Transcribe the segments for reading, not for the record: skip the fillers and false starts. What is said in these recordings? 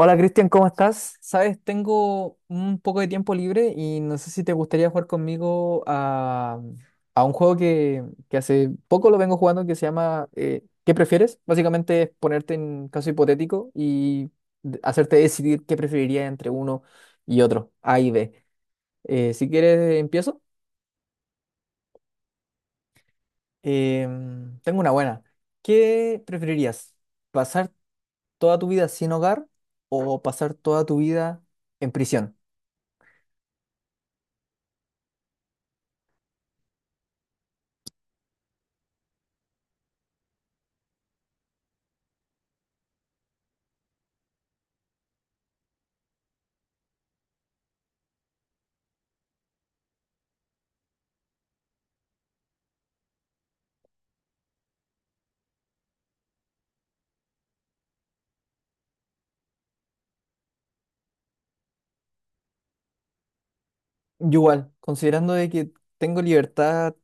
Hola Cristian, ¿cómo estás? Sabes, tengo un poco de tiempo libre y no sé si te gustaría jugar conmigo a un juego que hace poco lo vengo jugando, que se llama ¿Qué prefieres? Básicamente es ponerte en caso hipotético y hacerte decidir qué preferiría entre uno y otro, A y B. Si quieres, empiezo. Tengo una buena. ¿Qué preferirías? ¿Pasar toda tu vida sin hogar o pasar toda tu vida en prisión? Yo igual, considerando de que tengo libertad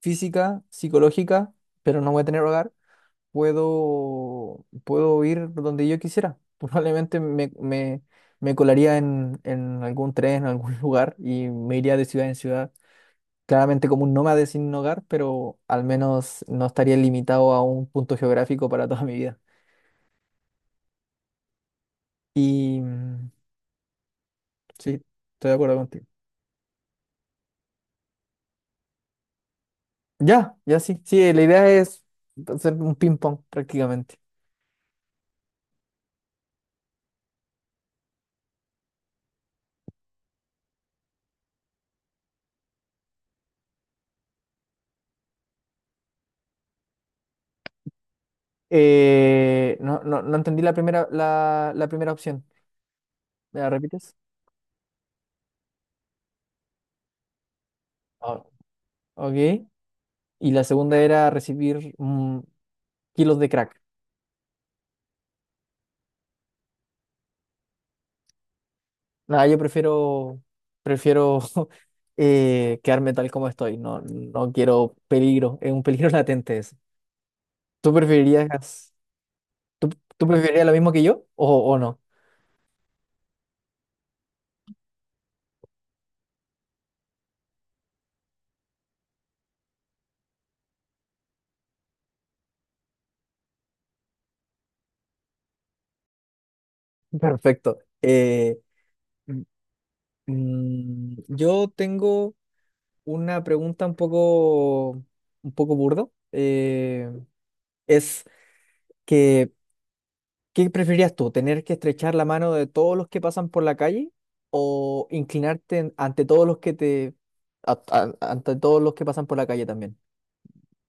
física, psicológica, pero no voy a tener hogar, puedo ir donde yo quisiera. Probablemente me colaría en algún tren, en algún lugar, y me iría de ciudad en ciudad. Claramente como un nómade sin hogar, pero al menos no estaría limitado a un punto geográfico para toda mi vida. Y mm, sí, estoy de acuerdo contigo. Ya, ya sí. Sí, la idea es hacer un ping-pong prácticamente. No, no, no entendí la primera, la primera opción. ¿Me la repites? Ah, ok. Y la segunda era recibir kilos de crack. Nada, yo prefiero quedarme tal como estoy. No, no quiero peligro. Es un peligro latente eso. ¿Tú preferirías, tú, tú preferirías lo mismo que yo, o no? Perfecto. Mm, yo tengo una pregunta un poco burdo. Es que, ¿qué preferirías tú? ¿Tener que estrechar la mano de todos los que pasan por la calle, o inclinarte ante todos los que pasan por la calle también?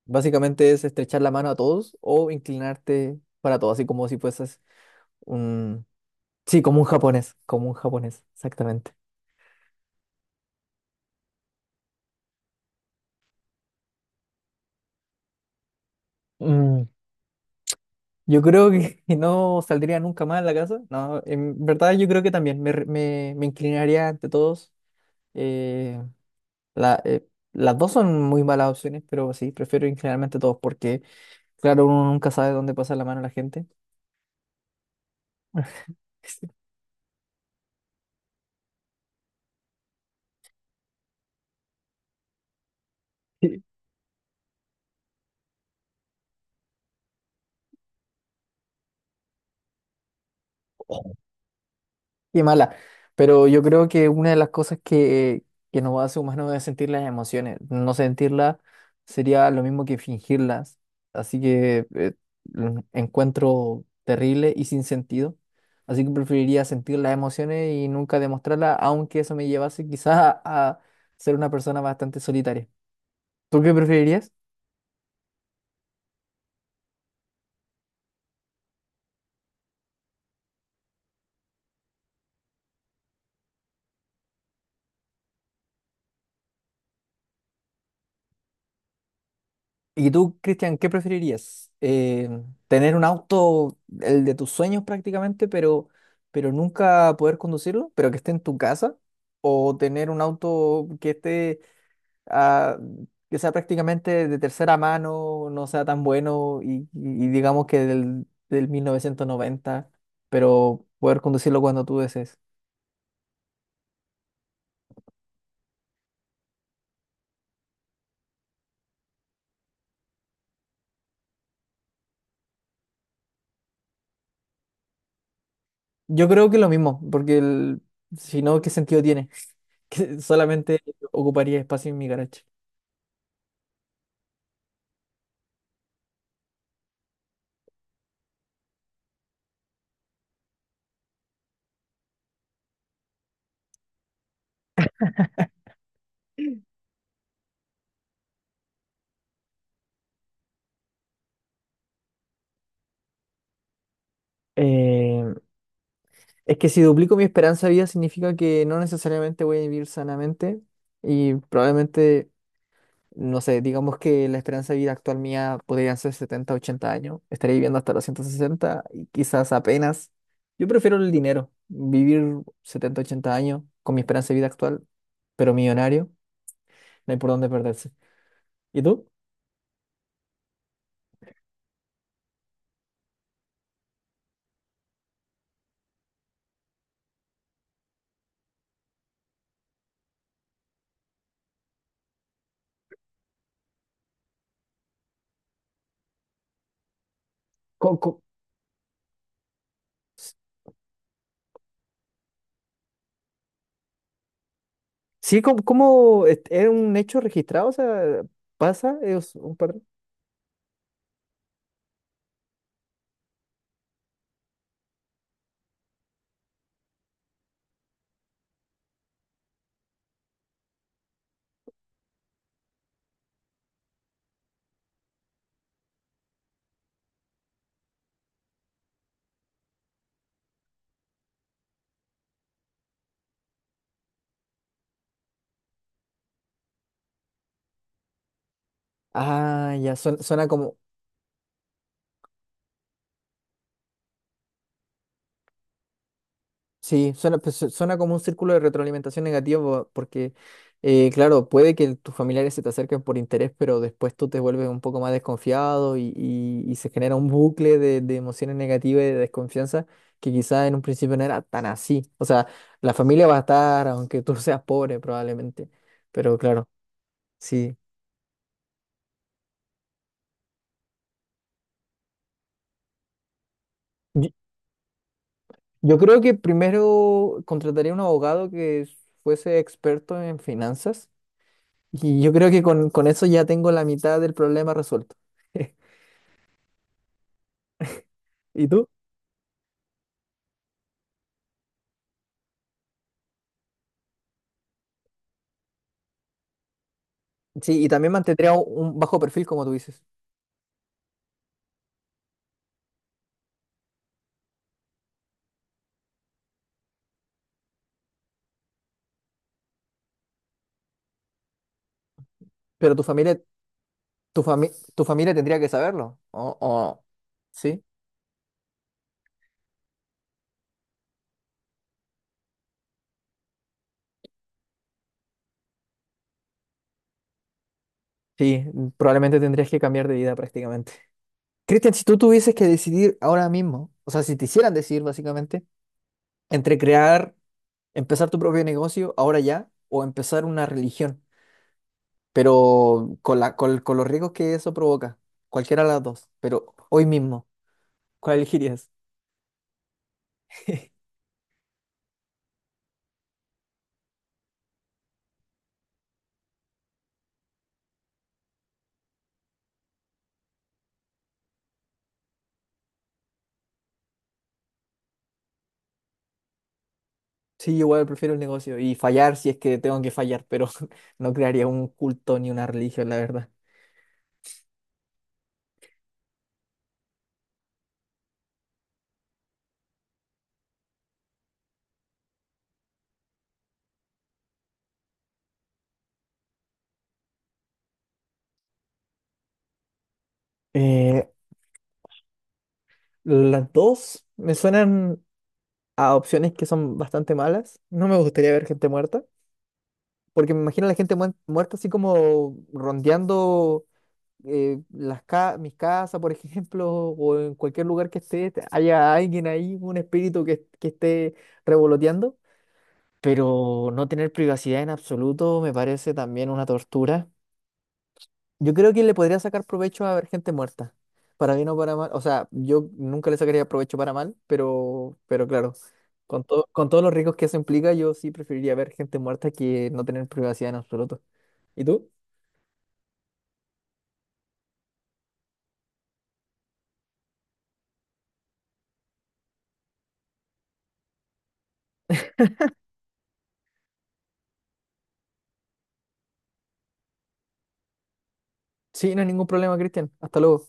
Básicamente es estrechar la mano a todos, o inclinarte para todos, así como si fueses un, sí, como un japonés, exactamente. Mm, Yo creo que no saldría nunca más de la casa. No, en verdad yo creo que también me inclinaría ante todos. eh, La, eh, las dos son muy malas opciones, pero sí, prefiero generalmente dos porque, claro, uno nunca sabe dónde pasa la mano la gente. Sí. Qué mala. Pero yo creo que una de las cosas que nos hace humanos es sentir las emociones. No sentirlas sería lo mismo que fingirlas. Así que lo encuentro terrible y sin sentido. Así que preferiría sentir las emociones y nunca demostrarlas, aunque eso me llevase quizás a ser una persona bastante solitaria. ¿Tú qué preferirías? ¿Y tú, Cristian, qué preferirías? ¿Tener un auto, el de tus sueños prácticamente, pero nunca poder conducirlo, pero que esté en tu casa? ¿O tener un auto que esté, ah, que sea prácticamente de tercera mano, no sea tan bueno, y digamos que del 1990, pero poder conducirlo cuando tú desees? Yo creo que lo mismo, porque si no, ¿qué sentido tiene? Que solamente ocuparía espacio en mi garage. Eh, es que si duplico mi esperanza de vida significa que no necesariamente voy a vivir sanamente, y probablemente, no sé, digamos que la esperanza de vida actual mía podrían ser 70 80 años, estaré viviendo hasta los 160 y quizás apenas. Yo prefiero el dinero, vivir 70 80 años con mi esperanza de vida actual, pero millonario. No hay por dónde perderse. ¿Y tú? ¿Cómo, cómo- sí. ¿Es un hecho registrado? O sea, ¿pasa? ¿Es un par? Ah, ya, suena como. Sí, suena, pues, suena como un círculo de retroalimentación negativo, porque, claro, puede que tus familiares se te acerquen por interés, pero después tú te vuelves un poco más desconfiado, y se genera un bucle de emociones negativas y de desconfianza, que quizás en un principio no era tan así. O sea, la familia va a estar, aunque tú seas pobre probablemente, pero claro, sí. Yo, yo creo que primero contrataría un abogado que fuese experto en finanzas. Y yo creo que con eso ya tengo la mitad del problema resuelto. ¿Y tú? Sí, y también mantendría un bajo perfil, como tú dices. Pero tu familia, tu familia tendría que saberlo. Sí, sí, probablemente tendrías que cambiar de vida prácticamente. Cristian, si tú tuvieses que decidir ahora mismo, o sea, si te hicieran decidir básicamente, entre empezar tu propio negocio ahora ya, o empezar una religión, pero con los riesgos que eso provoca, cualquiera de las dos, pero hoy mismo. ¿Cuál elegirías? Sí, igual prefiero el negocio y fallar si es que tengo que fallar, pero no crearía un culto ni una religión, la verdad. Eh, las dos me suenan a opciones que son bastante malas. No me gustaría ver gente muerta, porque me imagino a la gente muerta así como rondeando mis casas, por ejemplo, o en cualquier lugar que esté, haya alguien ahí, un espíritu que esté revoloteando. Pero no tener privacidad en absoluto me parece también una tortura. Yo creo que le podría sacar provecho a ver gente muerta, para bien o para mal. O sea, yo nunca le sacaría provecho para mal, pero claro, con todos los riesgos que eso implica, yo sí preferiría ver gente muerta que no tener privacidad en absoluto. ¿Y tú? Sí, no hay ningún problema, Cristian. Hasta luego.